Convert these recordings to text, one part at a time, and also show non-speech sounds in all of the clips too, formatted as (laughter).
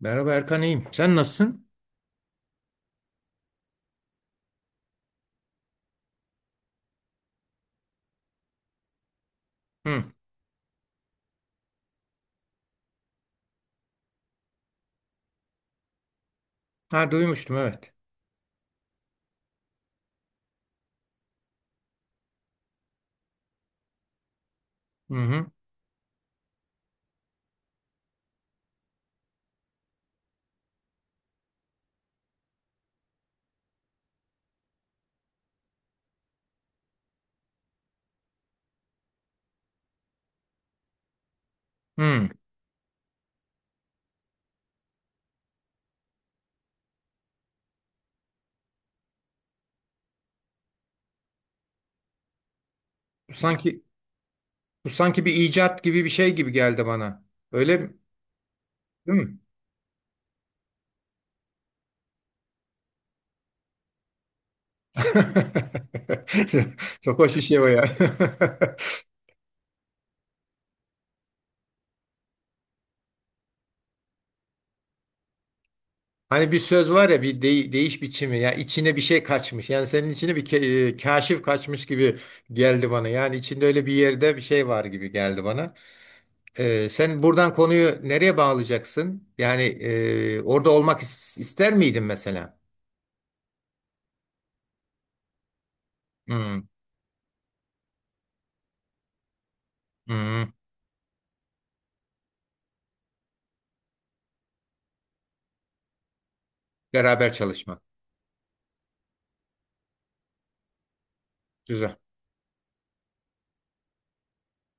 Merhaba Erkan iyiyim. Sen nasılsın? Hı. Ha duymuştum evet. Hı hı. Hı. Bu sanki bu sanki bir icat gibi bir şey gibi geldi bana. Öyle mi? Değil mi? (laughs) Çok hoş bir şey o ya. (laughs) Hani bir söz var ya bir değiş biçimi ya içine bir şey kaçmış. Yani senin içine bir kaşif kaçmış gibi geldi bana. Yani içinde öyle bir yerde bir şey var gibi geldi bana. Sen buradan konuyu nereye bağlayacaksın? Yani orada olmak ister miydin mesela? Hmm. Hmm, Beraber çalışmak. Güzel.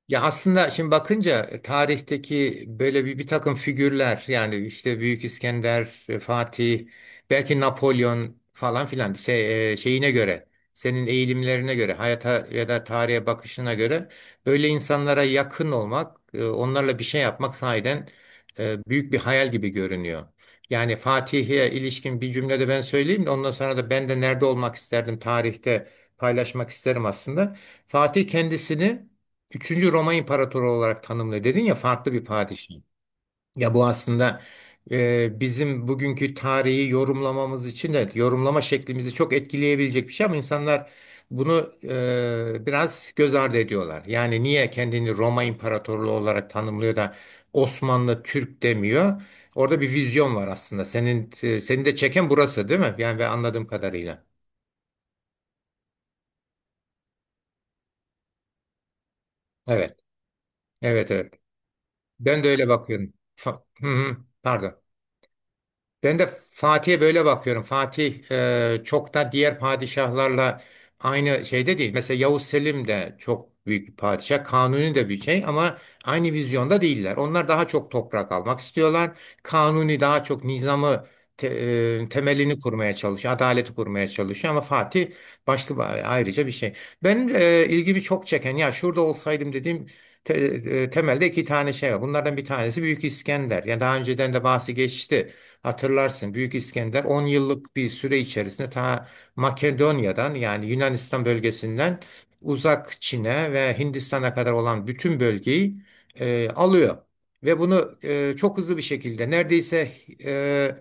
Ya aslında şimdi bakınca tarihteki böyle bir takım figürler yani işte Büyük İskender, Fatih, belki Napolyon falan filan şey, şeyine göre, senin eğilimlerine göre, hayata ya da tarihe bakışına göre böyle insanlara yakın olmak, onlarla bir şey yapmak sahiden büyük bir hayal gibi görünüyor. Yani Fatih'e ilişkin bir cümlede ben söyleyeyim de ondan sonra da ben de nerede olmak isterdim tarihte paylaşmak isterim aslında. Fatih kendisini Üçüncü Roma İmparatoru olarak tanımlıyor. Dedin ya farklı bir padişah. Ya bu aslında bizim bugünkü tarihi yorumlamamız için de yorumlama şeklimizi çok etkileyebilecek bir şey ama insanlar bunu biraz göz ardı ediyorlar. Yani niye kendini Roma İmparatorluğu olarak tanımlıyor da Osmanlı Türk demiyor? Orada bir vizyon var aslında. Senin seni de çeken burası değil mi? Yani ben anladığım kadarıyla. Evet. Evet evet. Ben de öyle bakıyorum. Hı hı. Pardon. Ben de Fatih'e böyle bakıyorum. Fatih çok da diğer padişahlarla aynı şeyde değil. Mesela Yavuz Selim de çok büyük bir padişah. Kanuni de bir şey ama aynı vizyonda değiller. Onlar daha çok toprak almak istiyorlar. Kanuni daha çok nizamı te- temelini kurmaya çalışıyor. Adaleti kurmaya çalışıyor ama Fatih başlı ayrıca bir şey. Benim ilgimi çok çeken ya şurada olsaydım dediğim temelde iki tane şey var. Bunlardan bir tanesi Büyük İskender. Yani daha önceden de bahsi geçti. Hatırlarsın Büyük İskender 10 yıllık bir süre içerisinde ta Makedonya'dan yani Yunanistan bölgesinden uzak Çin'e ve Hindistan'a kadar olan bütün bölgeyi alıyor. Ve bunu çok hızlı bir şekilde neredeyse e,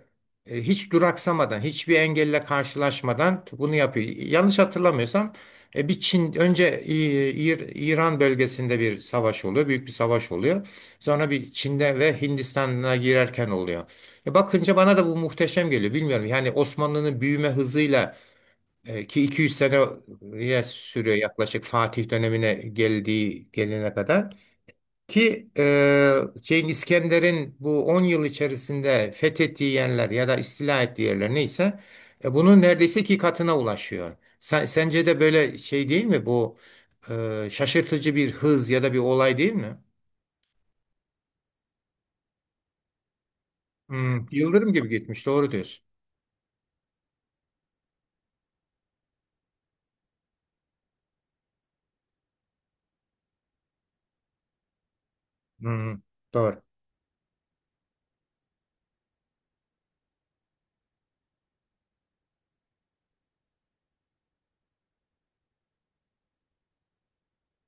hiç duraksamadan, hiçbir engelle karşılaşmadan bunu yapıyor. Yanlış hatırlamıyorsam bir Çin önce İran bölgesinde bir savaş oluyor, büyük bir savaş oluyor. Sonra bir Çin'de ve Hindistan'a girerken oluyor. Bakınca bana da bu muhteşem geliyor. Bilmiyorum yani Osmanlı'nın büyüme hızıyla ki 200 seneye sürüyor yaklaşık Fatih dönemine geldiği gelene kadar ki şeyin İskender'in bu 10 yıl içerisinde fethettiği yerler ya da istila ettiği yerler neyse bunun neredeyse iki katına ulaşıyor. Sence de böyle şey değil mi bu şaşırtıcı bir hız ya da bir olay değil mi? Yıldırım gibi gitmiş doğru diyorsun. Hmm, doğru.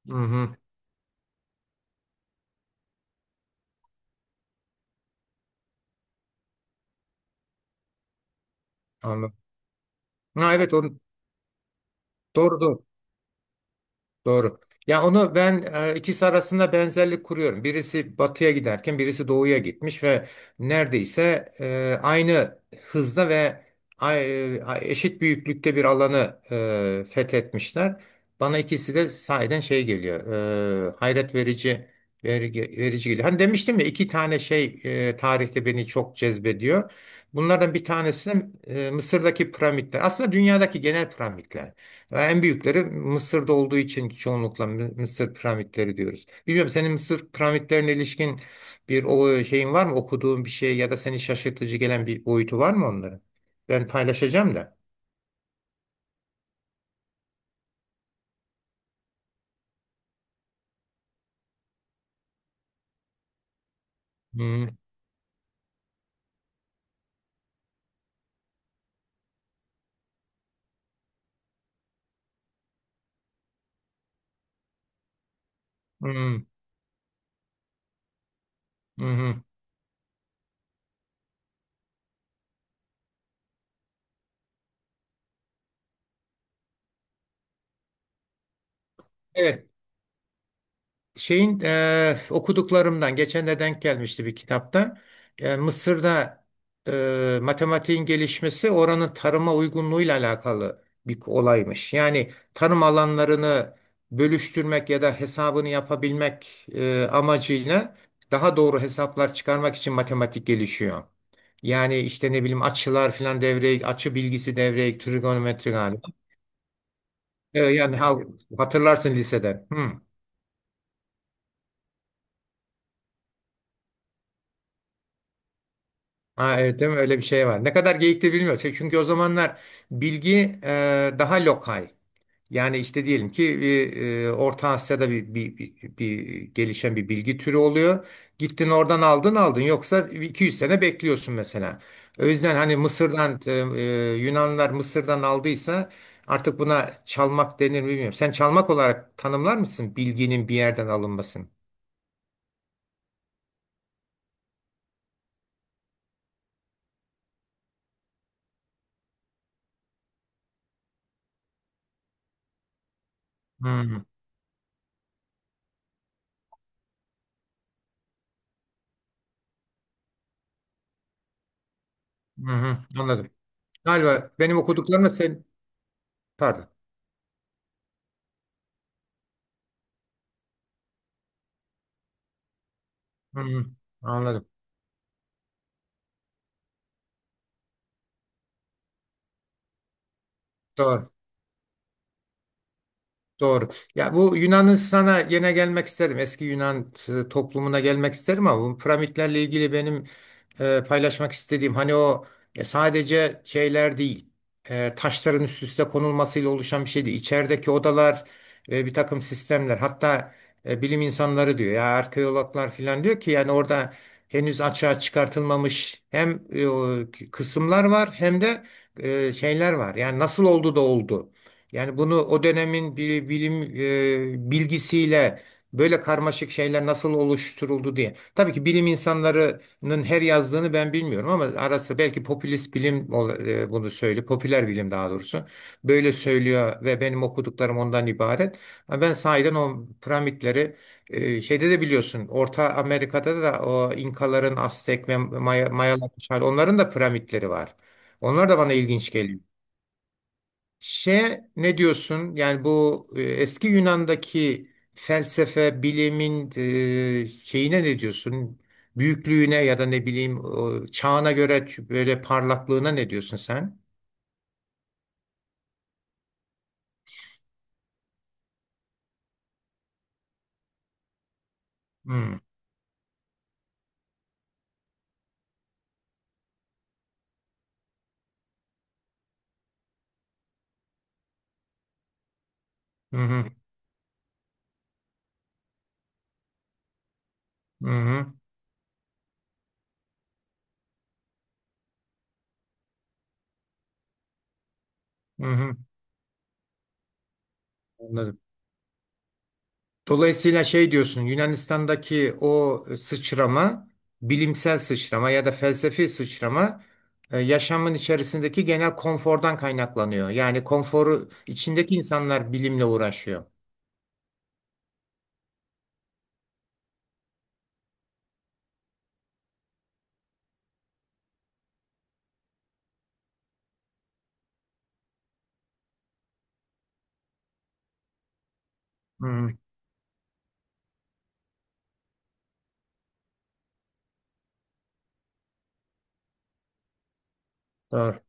Hı hı, anladım. Ha, evet onu, doğru doğru. Doğru. Ya onu ben ikisi arasında benzerlik kuruyorum. Birisi batıya giderken birisi doğuya gitmiş ve neredeyse aynı hızda ve eşit büyüklükte bir alanı fethetmişler. Bana ikisi de sahiden şey geliyor. Hayret verici geliyor. Hani demiştim ya iki tane şey tarihte beni çok cezbediyor. Bunlardan bir tanesi Mısır'daki piramitler. Aslında dünyadaki genel piramitler. En büyükleri Mısır'da olduğu için çoğunlukla Mısır piramitleri diyoruz. Bilmiyorum senin Mısır piramitlerine ilişkin bir o şeyin var mı? Okuduğun bir şey ya da seni şaşırtıcı gelen bir boyutu var mı onların? Ben paylaşacağım da. Hmm, hmm, hmm. Evet. Şeyin Okuduklarımdan geçen de denk gelmişti bir kitapta. Mısır'da matematiğin gelişmesi oranın tarıma uygunluğuyla alakalı bir olaymış. Yani tarım alanlarını bölüştürmek ya da hesabını yapabilmek amacıyla daha doğru hesaplar çıkarmak için matematik gelişiyor. Yani işte ne bileyim açılar filan devreye, açı bilgisi devreye, trigonometri galiba. Yani hatırlarsın liseden. Hı. Ha, evet değil mi? Öyle bir şey var. Ne kadar geyiktir bilmiyoruz. Çünkü o zamanlar bilgi daha lokal. Yani işte diyelim ki Orta Asya'da bir gelişen bir bilgi türü oluyor. Gittin oradan aldın aldın. Yoksa 200 sene bekliyorsun mesela. O yüzden hani Mısır'dan Yunanlar Mısır'dan aldıysa artık buna çalmak denir mi bilmiyorum. Sen çalmak olarak tanımlar mısın bilginin bir yerden alınmasını? Hı hı, hı hı, anladım. Galiba benim okuduklarımla sen... Pardon. Hmm, anladım. Doğru. Doğru. Ya bu Yunanistan'a gene gelmek isterim. Eski Yunan toplumuna gelmek isterim ama bu piramitlerle ilgili benim paylaşmak istediğim hani o sadece şeyler değil. Taşların üst üste konulmasıyla oluşan bir şey değil. İçerideki odalar ve bir takım sistemler hatta bilim insanları diyor ya arkeologlar falan diyor ki yani orada henüz açığa çıkartılmamış hem o kısımlar var hem de şeyler var. Yani nasıl oldu da oldu. Yani bunu o dönemin bir bilim bilgisiyle böyle karmaşık şeyler nasıl oluşturuldu diye. Tabii ki bilim insanlarının her yazdığını ben bilmiyorum ama arası belki popülist bilim bunu söylüyor. Popüler bilim daha doğrusu. Böyle söylüyor ve benim okuduklarım ondan ibaret. Ama ben sahiden o piramitleri şeyde de biliyorsun Orta Amerika'da da o İnkaların, Aztek ve Mayaların onların da piramitleri var. Onlar da bana ilginç geliyor. Şey ne diyorsun? Yani bu eski Yunan'daki felsefe, bilimin şeyine ne diyorsun? Büyüklüğüne ya da ne bileyim o çağına göre böyle parlaklığına ne diyorsun sen? Hmm. Hı hı. Hı hı. Hı hı. Anladım. Dolayısıyla şey diyorsun Yunanistan'daki o sıçrama, bilimsel sıçrama ya da felsefi sıçrama yaşamın içerisindeki genel konfordan kaynaklanıyor. Yani konforu içindeki insanlar bilimle uğraşıyor. Hmm, doğru.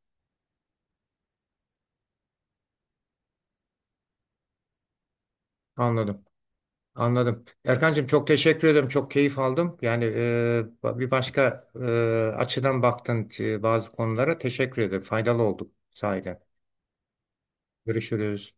Anladım. Anladım. Erkancığım çok teşekkür ederim. Çok keyif aldım. Yani bir başka açıdan baktın bazı konulara. Teşekkür ederim. Faydalı olduk sahiden. Görüşürüz.